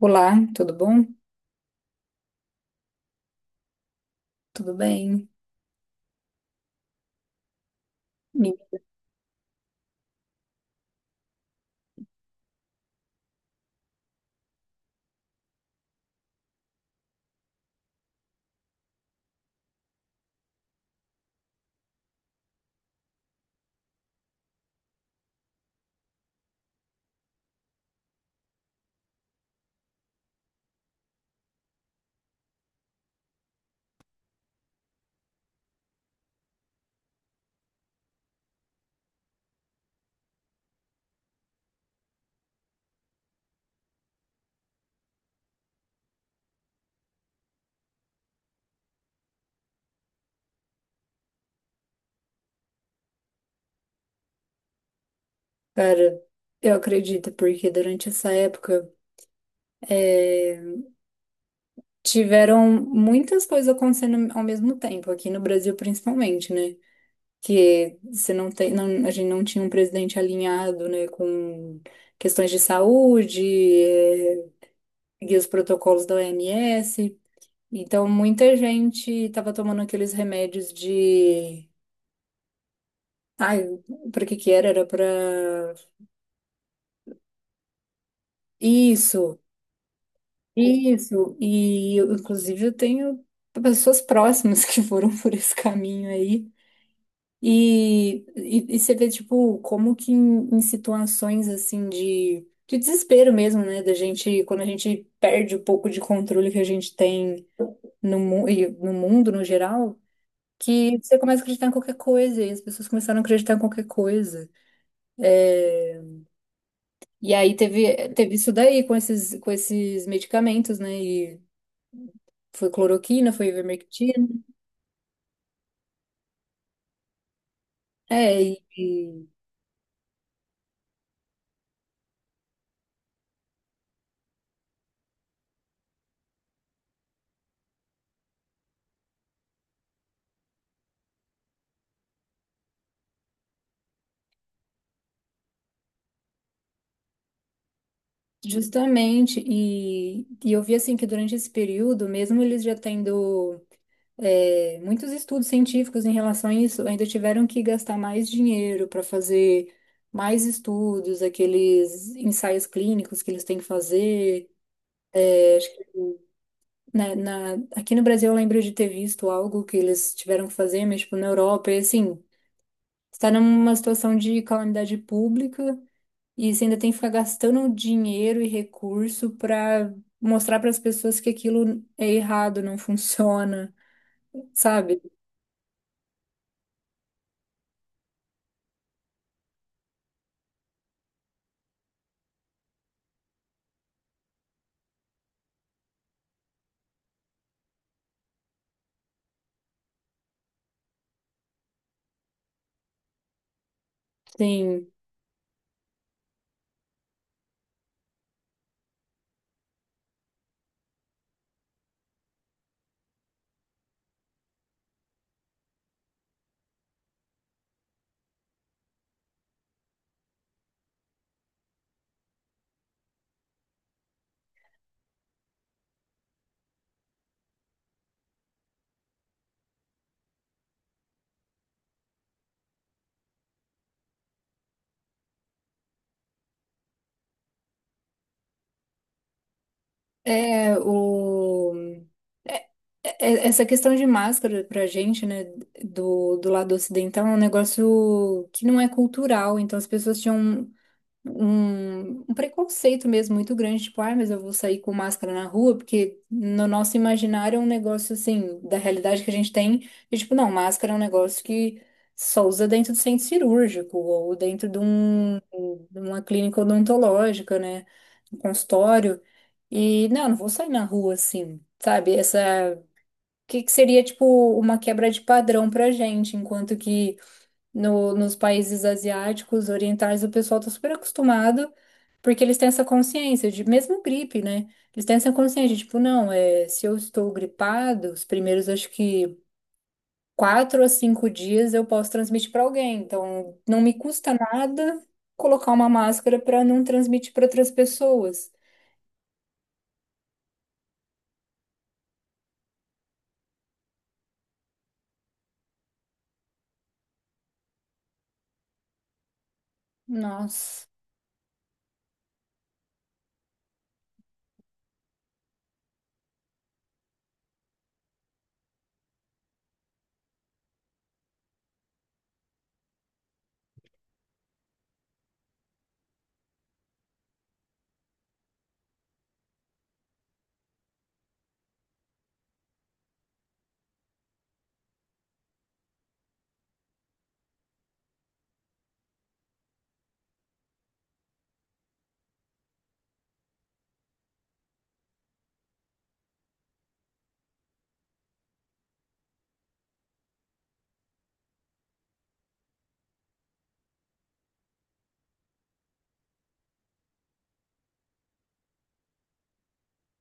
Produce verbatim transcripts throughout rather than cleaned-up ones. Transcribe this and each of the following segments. Olá, tudo bom? Tudo bem? E, Cara, eu acredito, porque durante essa época é, tiveram muitas coisas acontecendo ao mesmo tempo, aqui no Brasil principalmente, né? Que você não tem, não- a gente não tinha um presidente alinhado, né, com questões de saúde, é, e os protocolos da O M S. Então, muita gente estava tomando aqueles remédios de. Ai, para que que era? Era para isso. Isso, e eu, inclusive eu tenho pessoas próximas que foram por esse caminho aí. E, e, e você vê, tipo, como que em, em situações assim de, de desespero mesmo, né? Da gente, quando a gente perde um pouco de controle que a gente tem no, mu- e no mundo no geral, que você começa a acreditar em qualquer coisa, e as pessoas começaram a acreditar em qualquer coisa. É, e aí teve, teve isso daí com esses, com esses medicamentos, né? E foi cloroquina, foi ivermectina. É, e, e justamente, e, e eu vi assim que durante esse período, mesmo eles já tendo é, muitos estudos científicos em relação a isso, ainda tiveram que gastar mais dinheiro para fazer mais estudos, aqueles ensaios clínicos que eles têm que fazer. Na, na- aqui no Brasil eu lembro de ter visto algo que eles tiveram que fazer, mas tipo, na Europa, e assim, está numa situação de calamidade pública. E você ainda tem que ficar gastando dinheiro e recurso para mostrar para as pessoas que aquilo é errado, não funciona, sabe? Sim. É o é- é- é, Essa questão de máscara pra gente, né, do, do lado ocidental é um negócio que não é cultural, então as pessoas tinham um, um preconceito mesmo muito grande, tipo, ah, mas eu vou sair com máscara na rua, porque no nosso imaginário é um negócio assim, da realidade que a gente tem, e tipo, não, máscara é um negócio que só usa dentro do centro cirúrgico, ou dentro de, um, de uma clínica odontológica, né, um consultório, e não, não vou sair na rua assim, sabe. essa... O que que seria, tipo, uma quebra de padrão pra gente, enquanto que no, nos países asiáticos, orientais, o pessoal tá super acostumado porque eles têm essa consciência de, mesmo gripe, né? Eles têm essa consciência de, tipo, não, é, se eu estou gripado, os primeiros, acho que, quatro a cinco dias eu posso transmitir para alguém. Então, não me custa nada colocar uma máscara para não transmitir para outras pessoas. Nossa,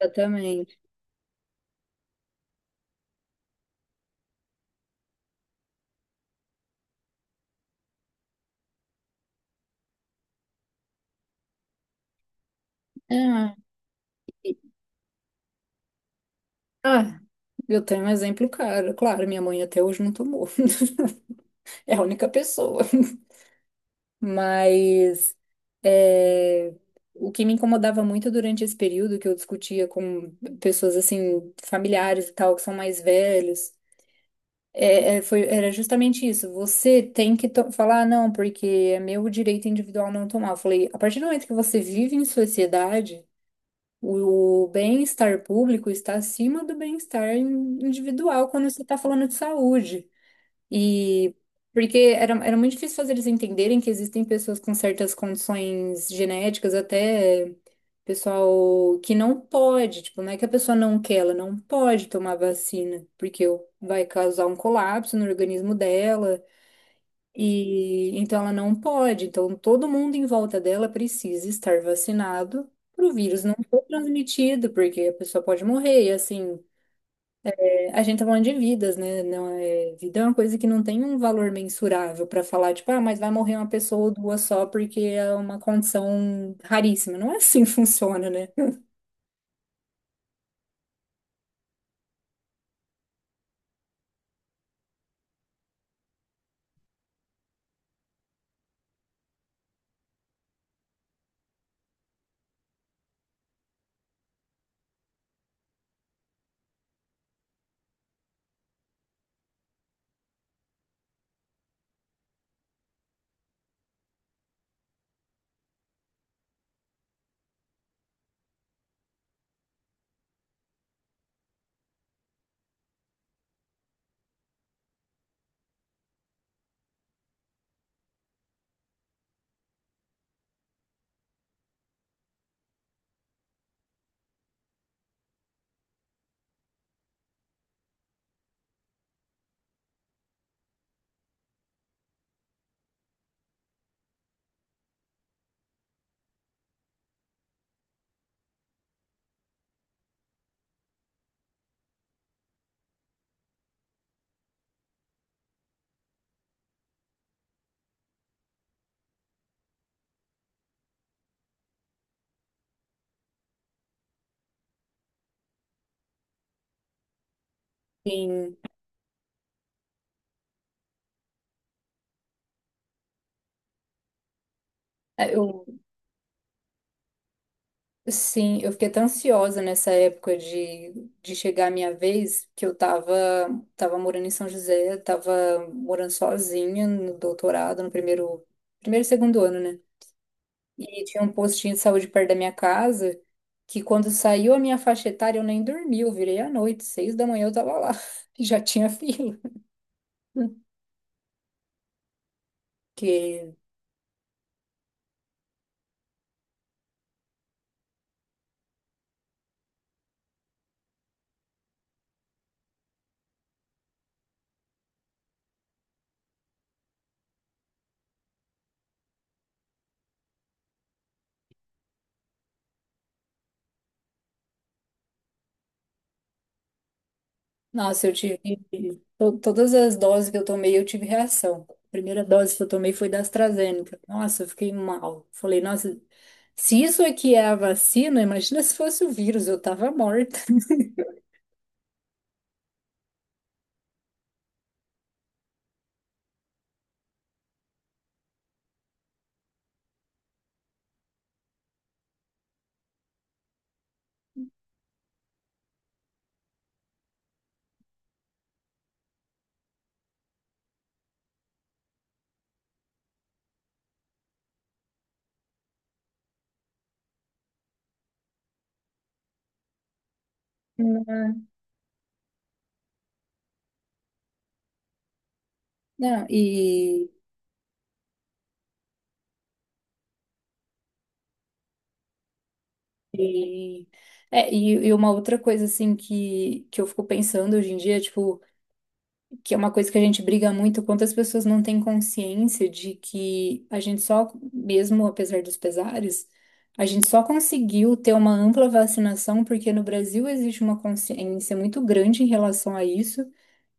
exatamente. Ah, e- ah, eu tenho um exemplo, cara. Claro, minha mãe até hoje não tomou. É a única pessoa. Mas é, o que me incomodava muito durante esse período que eu discutia com pessoas assim, familiares e tal, que são mais velhos, é, é, foi, era justamente isso. Você tem que to- falar, "Ah, não, porque é meu direito individual não tomar. Eu falei, a partir do momento que você vive em sociedade, o bem-estar público está acima do bem-estar in- individual quando você está falando de saúde. E porque era, era muito difícil fazer eles entenderem que existem pessoas com certas condições genéticas, até pessoal que não pode, tipo, não é que a pessoa não quer, ela não pode tomar vacina, porque vai causar um colapso no organismo dela, e então ela não pode. Então todo mundo em volta dela precisa estar vacinado para o vírus não ser transmitido, porque a pessoa pode morrer, e assim. A gente tá falando de vidas, né? Não é, vida é uma coisa que não tem um valor mensurável pra falar, tipo, ah, mas vai morrer uma pessoa ou duas só porque é uma condição raríssima. Não é assim que funciona, né? Sim, é, eu, sim, eu fiquei tão ansiosa nessa época de, de, chegar a minha vez que eu tava, tava morando em São José, tava morando sozinha no doutorado, no primeiro, primeiro e segundo ano, né? E tinha um postinho de saúde perto da minha casa, que quando saiu a minha faixa etária, eu nem dormi, eu virei à noite, seis da manhã eu tava lá, já tinha fila. Porque, nossa, eu tive, to- todas as doses que eu tomei, eu tive reação. A primeira dose que eu tomei foi da AstraZeneca. Nossa, eu fiquei mal. Falei, nossa, se isso aqui é a vacina, imagina se fosse o vírus, eu tava morta. Não, não. E E, é, e, e uma outra coisa, assim, que, que eu fico pensando hoje em dia, tipo, que é uma coisa que a gente briga muito, quantas pessoas não têm consciência de que a gente só, mesmo apesar dos pesares, a gente só conseguiu ter uma ampla vacinação porque no Brasil existe uma consciência muito grande em relação a isso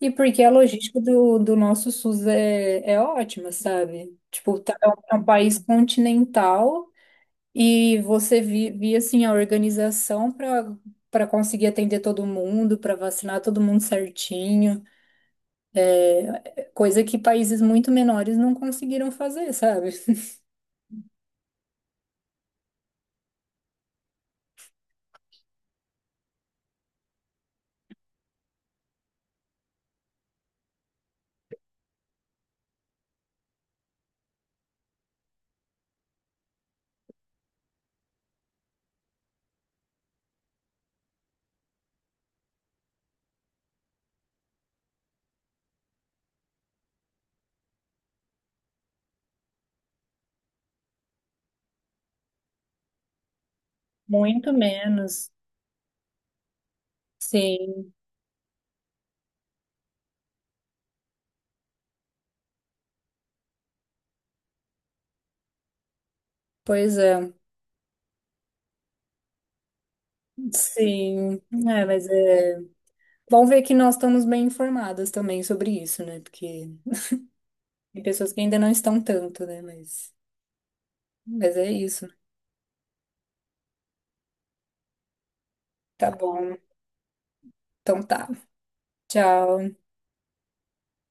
e porque a logística do, do nosso SUS é, é ótima, sabe? Tipo, tá, é um é um país continental. E você vi- via assim a organização para para conseguir atender todo mundo, para vacinar todo mundo certinho, coisa que países muito menores não conseguiram fazer, sabe? Muito menos. Sim, pois é. Sim, é, mas é. Bom ver que nós estamos bem informadas também sobre isso, né? Porque tem pessoas que ainda não estão tanto, né? Mas, mas é isso. Tá bom. Então tá. Tchau.